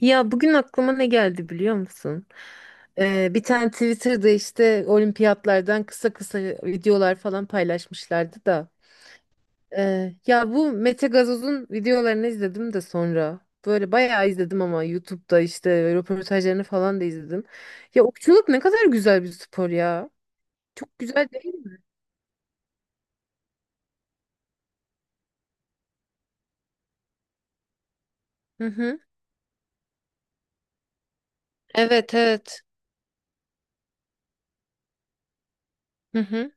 Ya bugün aklıma ne geldi biliyor musun? Bir tane Twitter'da işte olimpiyatlardan kısa kısa videolar falan paylaşmışlardı da. Ya bu Mete Gazoz'un videolarını izledim de sonra. Böyle bayağı izledim ama YouTube'da işte röportajlarını falan da izledim. Ya okçuluk ne kadar güzel bir spor ya. Çok güzel değil mi? Hı hı. Evet evet. Hı hı.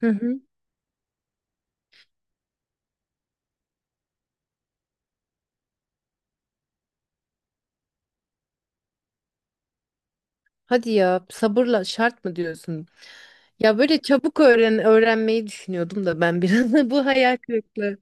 Hı hı. Hadi ya sabırla şart mı diyorsun? Ya böyle çabuk öğrenmeyi düşünüyordum da ben biraz bu hayal kırıklığı.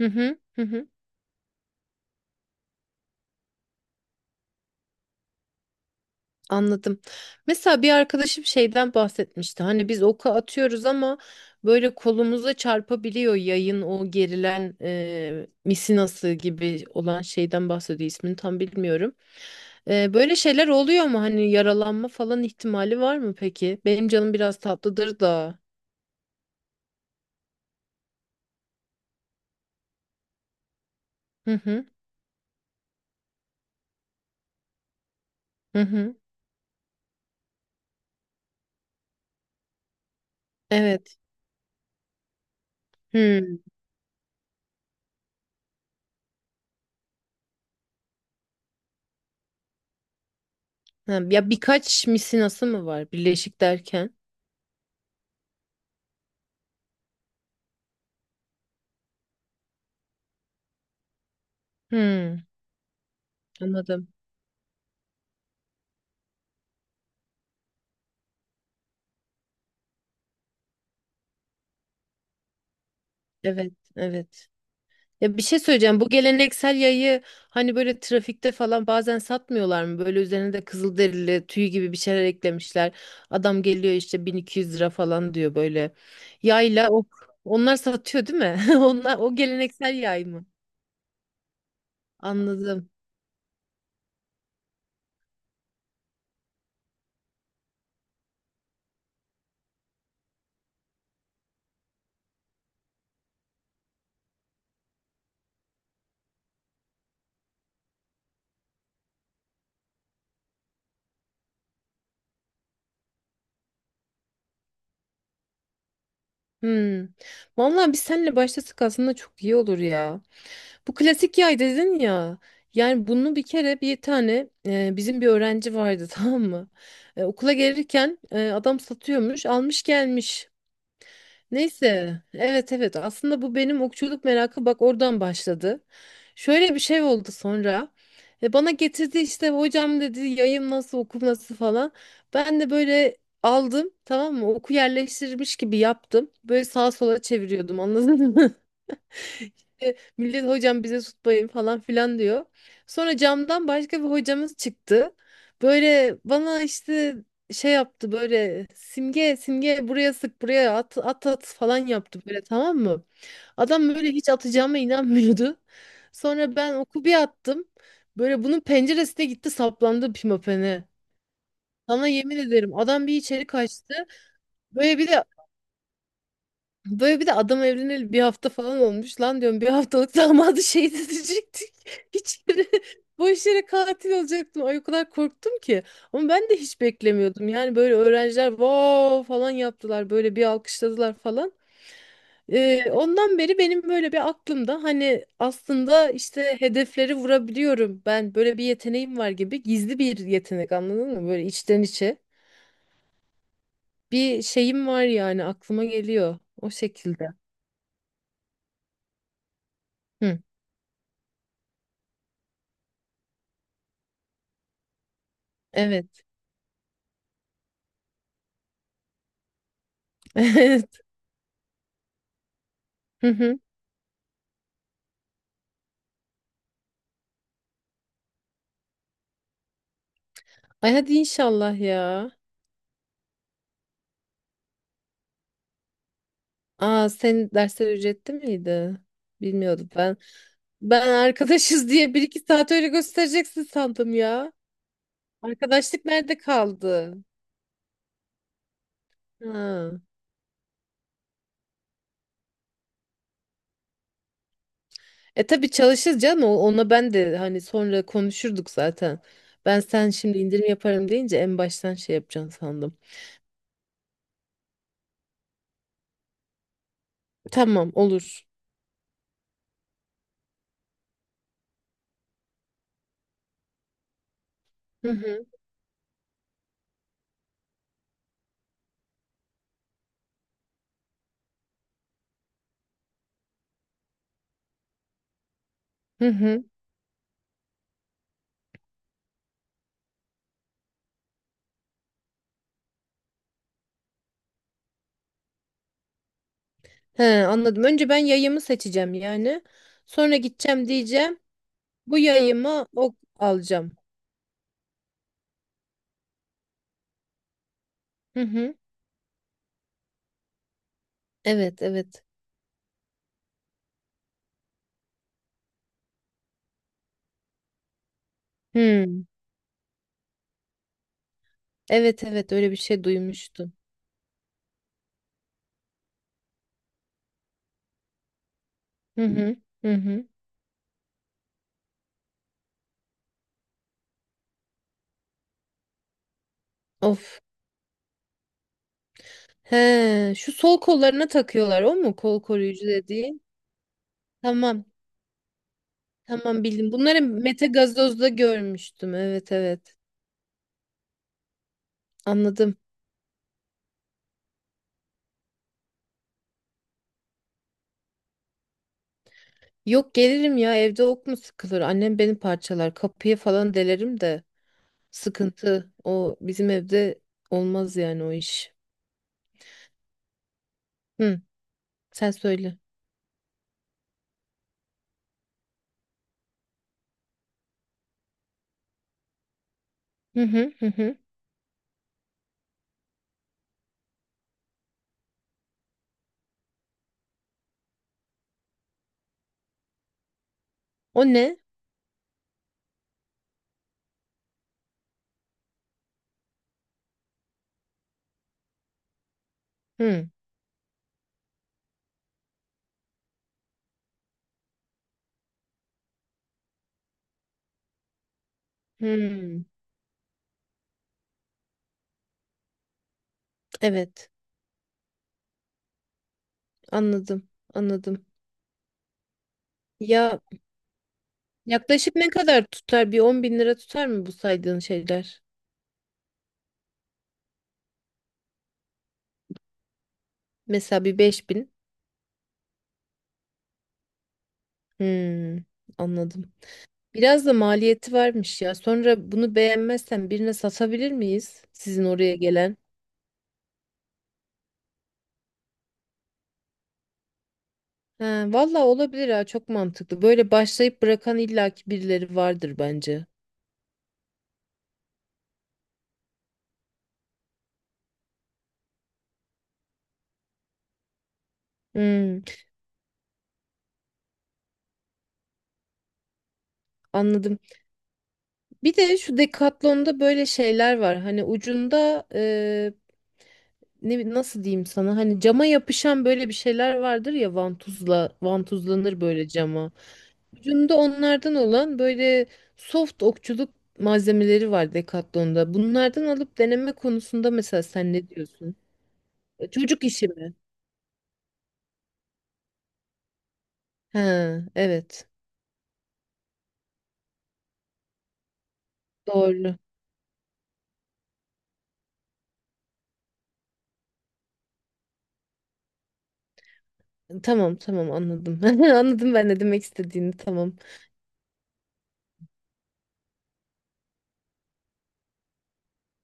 Hı hı hı hı. Anladım. Mesela bir arkadaşım şeyden bahsetmişti. Hani biz oku atıyoruz ama böyle kolumuza çarpabiliyor yayın o gerilen misinası gibi olan şeyden bahsediyor. İsmini tam bilmiyorum. Böyle şeyler oluyor mu? Hani yaralanma falan ihtimali var mı peki? Benim canım biraz tatlıdır da. Hı hı hı hı. Evet. Hı. Ha, ya birkaç misinası mı var birleşik derken? Hmm, anladım. Evet, evet. Ya bir şey söyleyeceğim. Bu geleneksel yayı hani böyle trafikte falan bazen satmıyorlar mı? Böyle üzerine de kızılderili tüy gibi bir şeyler eklemişler. Adam geliyor işte 1.200 lira falan diyor böyle. Yayla o onlar satıyor değil mi? Onlar o geleneksel yay mı? Anladım. Hmm. Vallahi biz seninle başlasak aslında çok iyi olur ya. Bu klasik yay dedin ya. Yani bunu bir kere bir tane bizim bir öğrenci vardı tamam mı? Okula gelirken adam satıyormuş, almış gelmiş. Neyse, evet evet aslında bu benim okçuluk merakı bak oradan başladı. Şöyle bir şey oldu sonra. Bana getirdi işte hocam dedi yayım nasıl okum nasıl falan. Ben de böyle aldım tamam mı? Oku yerleştirmiş gibi yaptım. Böyle sağa sola çeviriyordum anladın mı? İşte millet hocam bize tutmayın falan filan diyor. Sonra camdan başka bir hocamız çıktı. Böyle bana işte şey yaptı böyle simge simge buraya sık buraya at at at falan yaptı böyle tamam mı? Adam böyle hiç atacağıma inanmıyordu. Sonra ben oku bir attım. Böyle bunun penceresine gitti saplandı Pimapen'e. Sana yemin ederim adam bir içeri kaçtı. Böyle bir de Böyle bir de adam evleneli bir hafta falan olmuş. Lan diyorum bir haftalık damadı şehit edecektik. Hiç yere, boş yere katil olacaktım. Ay o kadar korktum ki. Ama ben de hiç beklemiyordum. Yani böyle öğrenciler wow falan yaptılar. Böyle bir alkışladılar falan. Ondan beri benim böyle bir aklımda hani aslında işte hedefleri vurabiliyorum. Ben böyle bir yeteneğim var gibi gizli bir yetenek anladın mı? Böyle içten içe bir şeyim var yani aklıma geliyor o şekilde. Hı, evet. Hı hı. Ay hadi inşallah ya. Aa senin dersler ücretli miydi? Bilmiyordum ben. Ben arkadaşız diye bir iki saat öyle göstereceksin sandım ya. Arkadaşlık nerede kaldı? Ha. E tabii çalışırız canım. Ona ben de hani sonra konuşurduk zaten. Ben sen şimdi indirim yaparım deyince en baştan şey yapacaksın sandım. Tamam olur. Hı hı. Hı hı. He, anladım. Önce ben yayımı seçeceğim yani. Sonra gideceğim diyeceğim. Bu yayımı o alacağım. Hı hı. Evet, evet. Hı. Evet, evet öyle bir şey duymuştum. Hı hı. Hı hı. Of. He, şu sol kollarına takıyorlar o mu kol koruyucu dediğin? Tamam. Tamam bildim. Bunları Mete Gazoz'da görmüştüm. Evet, evet. Anladım. Yok gelirim ya evde ok mu sıkılır? Annem beni parçalar. Kapıyı falan delerim de sıkıntı. O bizim evde olmaz yani o iş. Hı. Sen söyle. Hı hı hı hı. O ne? Hı. Hı. Evet. Anladım, anladım. Ya yaklaşık ne kadar tutar? Bir 10 bin lira tutar mı bu saydığın şeyler? Mesela bir 5 bin. Hmm, anladım. Biraz da maliyeti varmış ya. Sonra bunu beğenmezsen birine satabilir miyiz? Sizin oraya gelen. Ha, valla olabilir ha çok mantıklı. Böyle başlayıp bırakan illaki birileri vardır bence. Hmm, anladım. Bir de şu Decathlon'da böyle şeyler var. Hani ucunda ne nasıl diyeyim sana hani cama yapışan böyle bir şeyler vardır ya vantuzla vantuzlanır böyle cama. Ucunda onlardan olan böyle soft okçuluk malzemeleri var Decathlon'da. Bunlardan alıp deneme konusunda mesela sen ne diyorsun? Çocuk işi mi? Ha evet. Doğru. Tamam tamam anladım. Anladım ben ne demek istediğini. Tamam.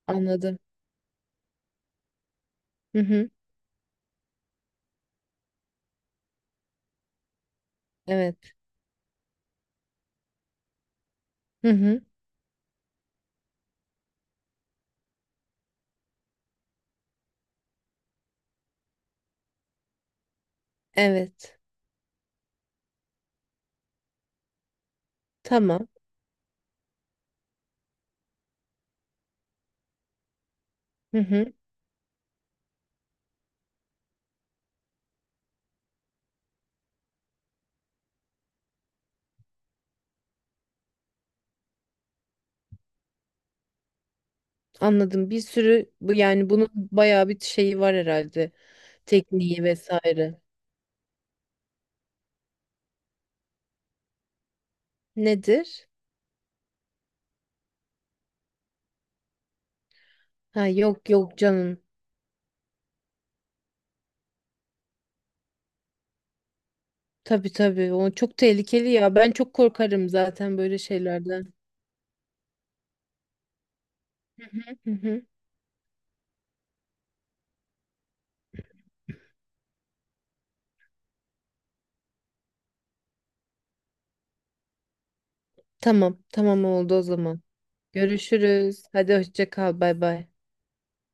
Anladım. Hı hı. Evet. Hı hı. Evet. Tamam. Hı hı. Anladım. Bir sürü yani bunun bayağı bir şeyi var herhalde. Tekniği vesaire. Nedir? Ha yok yok canım. Tabii tabii. O çok tehlikeli ya. Ben çok korkarım zaten böyle şeylerden. Hı hı. Tamam, tamam oldu o zaman. Görüşürüz. Hadi hoşça kal. Bay bay.